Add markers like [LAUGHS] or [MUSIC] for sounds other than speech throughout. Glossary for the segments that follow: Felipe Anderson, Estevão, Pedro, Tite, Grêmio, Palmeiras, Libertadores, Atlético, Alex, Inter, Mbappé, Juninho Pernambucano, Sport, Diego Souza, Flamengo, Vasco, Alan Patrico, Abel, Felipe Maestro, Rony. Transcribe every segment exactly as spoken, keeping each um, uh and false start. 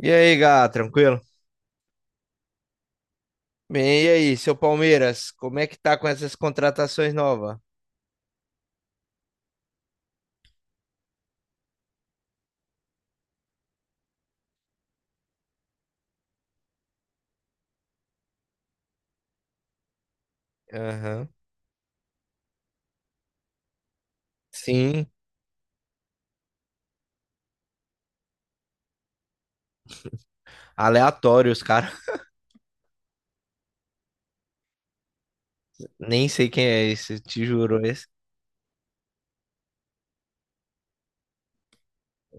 E aí, Gá, tranquilo? Bem, e aí, seu Palmeiras, como é que tá com essas contratações novas? Aham. Sim, aleatórios, cara. [LAUGHS] Nem sei quem é esse, te juro, esse.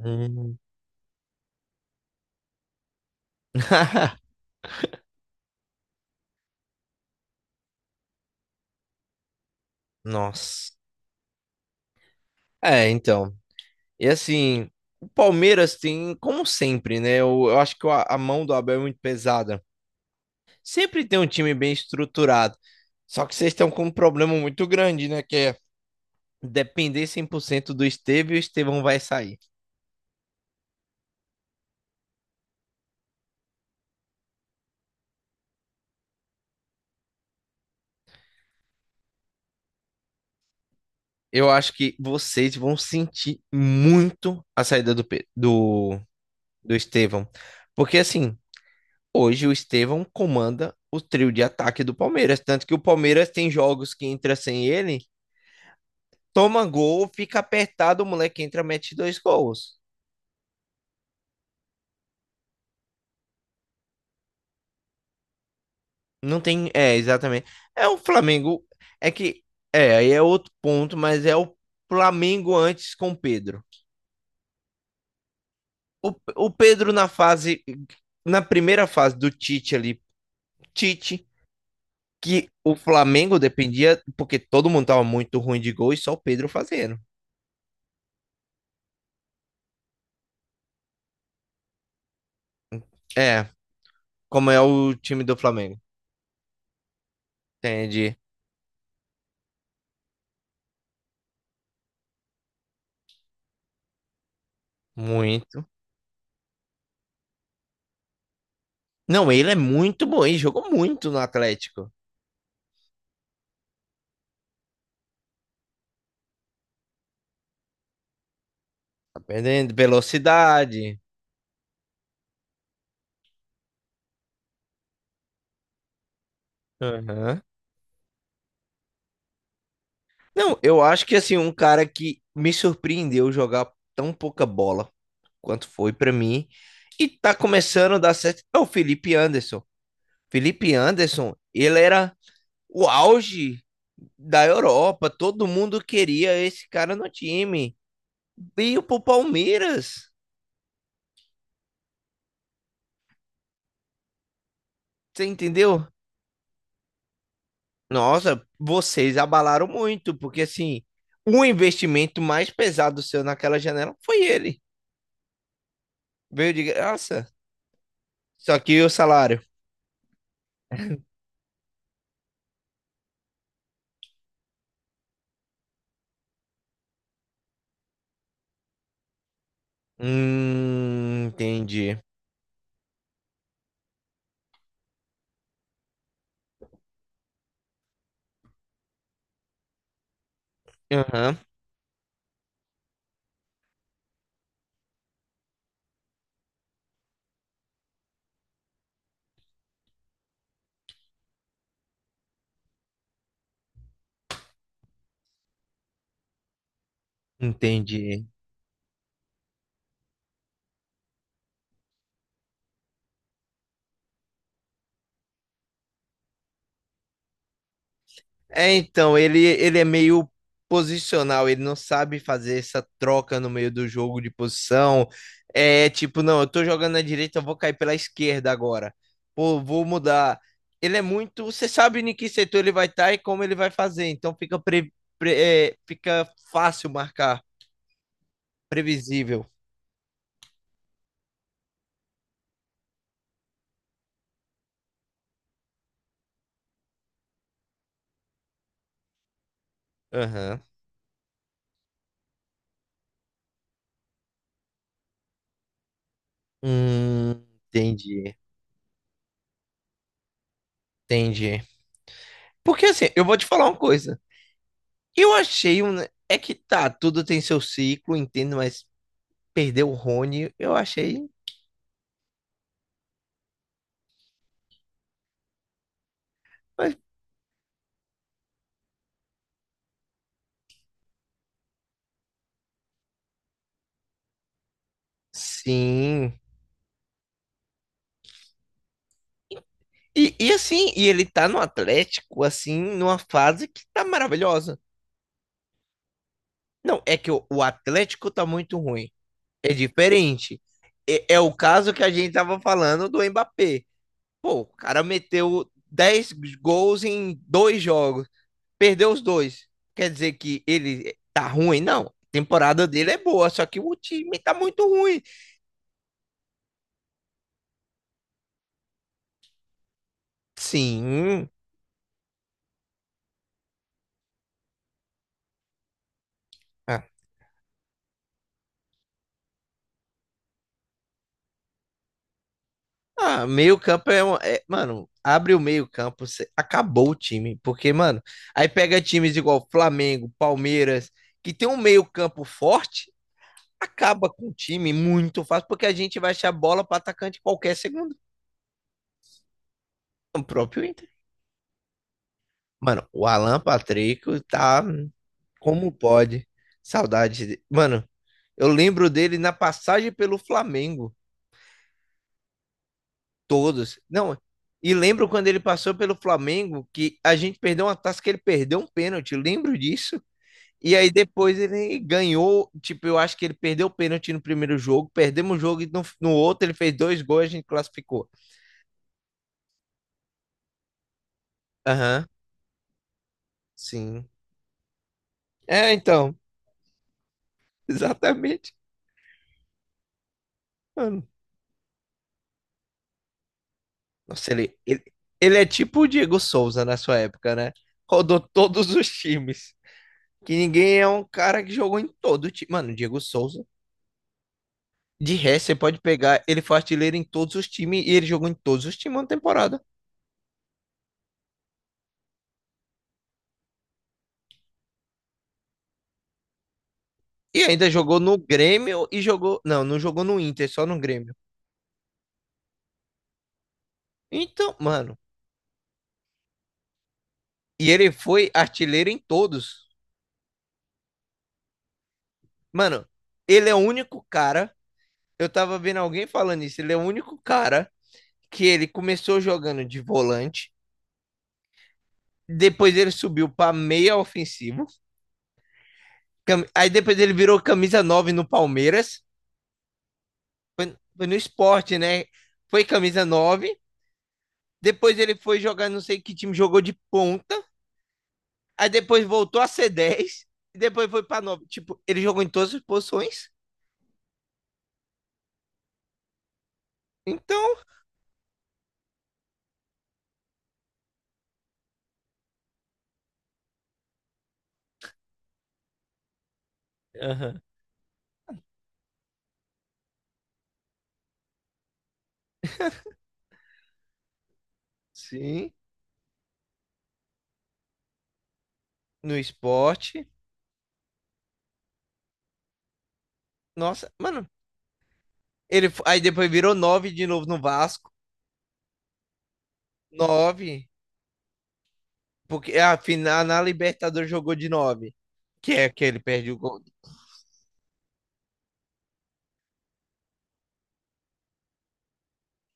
Hum. [LAUGHS] Nossa. É, então. E assim, o Palmeiras tem, como sempre, né? Eu, eu acho que a, a mão do Abel é muito pesada. Sempre tem um time bem estruturado. Só que vocês estão com um problema muito grande, né? Que é depender cem por cento do Estevão e o Estevão vai sair. Eu acho que vocês vão sentir muito a saída do, Pe- do, do, Estevão. Porque, assim, hoje o Estevão comanda o trio de ataque do Palmeiras. Tanto que o Palmeiras tem jogos que entra sem ele, toma gol, fica apertado, o moleque entra, mete dois gols. Não tem. É, exatamente. É o Flamengo. É que. É, aí é outro ponto, mas é o Flamengo antes com o Pedro. O, o Pedro na fase. Na primeira fase do Tite ali, Tite que o Flamengo dependia, porque todo mundo tava muito ruim de gol e só o Pedro fazendo. É, como é o time do Flamengo. Entendi. Muito. Não, ele é muito bom, ele jogou muito no Atlético. Tá perdendo velocidade. Aham. Não, eu acho que assim, um cara que me surpreendeu jogar tão pouca bola quanto foi pra mim e tá começando a dar certo é o Felipe Anderson. Felipe Anderson, ele era o auge da Europa. Todo mundo queria esse cara no time. Veio pro Palmeiras. Você entendeu? Nossa, vocês abalaram muito, porque assim, o investimento mais pesado seu naquela janela foi ele. Veio de graça. Só que o salário. Hum, entendi. Aham, entendi. É, então, ele, ele é meio posicional, ele não sabe fazer essa troca no meio do jogo de posição. É tipo, não, eu tô jogando na direita, eu vou cair pela esquerda agora. Pô, vou mudar. Ele é muito. Você sabe em que setor ele vai estar e como ele vai fazer, então fica, pre, pre- é, fica fácil marcar, previsível. Aham. Hum, entendi, entendi. Porque assim, eu vou te falar uma coisa. Eu achei um. É que tá, tudo tem seu ciclo, entendo, mas perdeu o Rony, eu achei. Mas, sim. E, e assim, e ele tá no Atlético, assim, numa fase que tá maravilhosa. Não, é que o, o Atlético tá muito ruim. É diferente. É, é o caso que a gente tava falando do Mbappé. Pô, o cara meteu dez gols em dois jogos, perdeu os dois. Quer dizer que ele tá ruim? Não. A temporada dele é boa, só que o time tá muito ruim. Sim. Ah, ah, meio campo é, um, é- Mano, abre o meio campo, cê- acabou o time. Porque, mano, aí pega times igual Flamengo, Palmeiras, que tem um meio campo forte, acaba com o time muito fácil, porque a gente vai achar bola para atacante qualquer segundo. O próprio Inter. Mano, o Alan Patrico tá como pode. Saudade. De- Mano, eu lembro dele na passagem pelo Flamengo. Todos. Não, e lembro quando ele passou pelo Flamengo, que a gente perdeu uma taça que ele perdeu um pênalti, lembro disso. E aí depois ele ganhou, tipo, eu acho que ele perdeu o pênalti no primeiro jogo, perdemos o jogo e no, no outro ele fez dois gols e a gente classificou. Aham, sim. É, então, [LAUGHS] exatamente. Mano, nossa, ele, ele, ele é tipo o Diego Souza na sua época, né? Rodou todos os times. Que ninguém é um cara que jogou em todo time. Mano, o Diego Souza de resto, você pode pegar, ele foi artilheiro em todos os times e ele jogou em todos os times na temporada. E ainda jogou no Grêmio e jogou. Não, não jogou no Inter, só no Grêmio. Então, mano. E ele foi artilheiro em todos. Mano, ele é o único cara. Eu tava vendo alguém falando isso. Ele é o único cara que ele começou jogando de volante. Depois ele subiu pra meia ofensivo. cam- Aí depois ele virou camisa nove no Palmeiras. Foi, foi no sport né? Foi camisa nove. Depois ele foi jogar, não sei que time, jogou de ponta. Aí depois voltou a ser dez. E depois foi pra nove. Tipo, ele jogou em todas as posições. Então, aham, sim, no esporte. Nossa, mano. Ele, aí depois virou nove de novo no Vasco. Nove. Porque a final na Libertadores jogou de nove. Que é que ele perdeu o gol.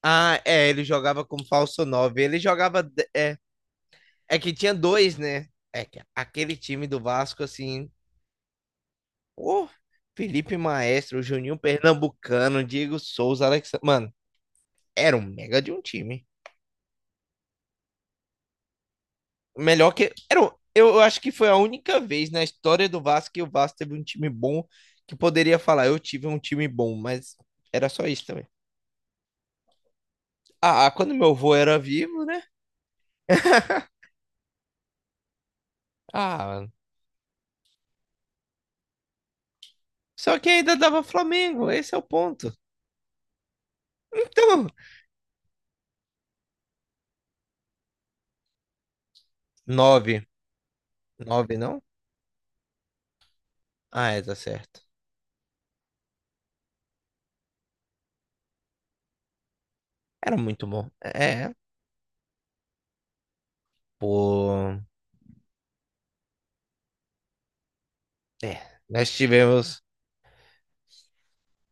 Ah, é, ele jogava como falso nove. Ele jogava. É, é que tinha dois, né? É que aquele time do Vasco, assim, ô, Felipe Maestro, Juninho Pernambucano, Diego Souza, Alex. Mano, era um mega de um time. Melhor que. Era um- Eu, eu acho que foi a única vez na história do Vasco que o Vasco teve um time bom que poderia falar, eu tive um time bom, mas era só isso também. Ah, ah, quando meu avô era vivo, né? [LAUGHS] Ah, mano. Só que ainda dava Flamengo, esse é o ponto. Então, nove. Nove, não? Ah, é, tá certo. Era muito bom. É, pô. É, nós tivemos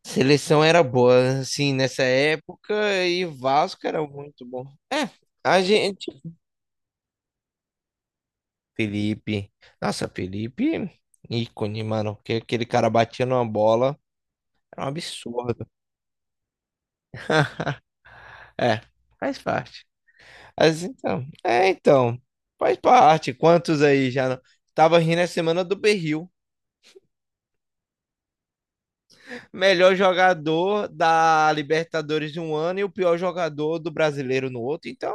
Seleção era boa, assim, nessa época, e Vasco era muito bom. É, a gente. Felipe. Nossa, Felipe, ícone, mano, porque aquele cara batia numa bola, era um absurdo. [LAUGHS] É, faz parte. Mas então, é, então, faz parte. Quantos aí já não... Tava rindo a semana do Berril. Melhor jogador da Libertadores de um ano e o pior jogador do brasileiro no outro. Então,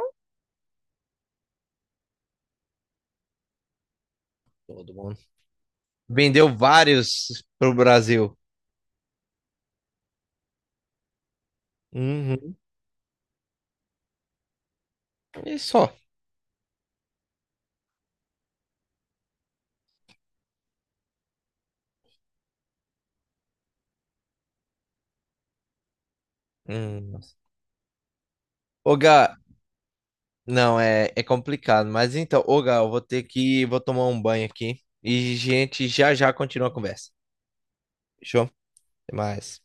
todo mundo. Vendeu vários pro Brasil. Uhum. E só. Hum, nossa. Ô, Gá, não, é, é complicado. Mas então, ô, Gá, eu vou ter que, vou tomar um banho aqui. E, gente, já já continua a conversa. Fechou? Até mais.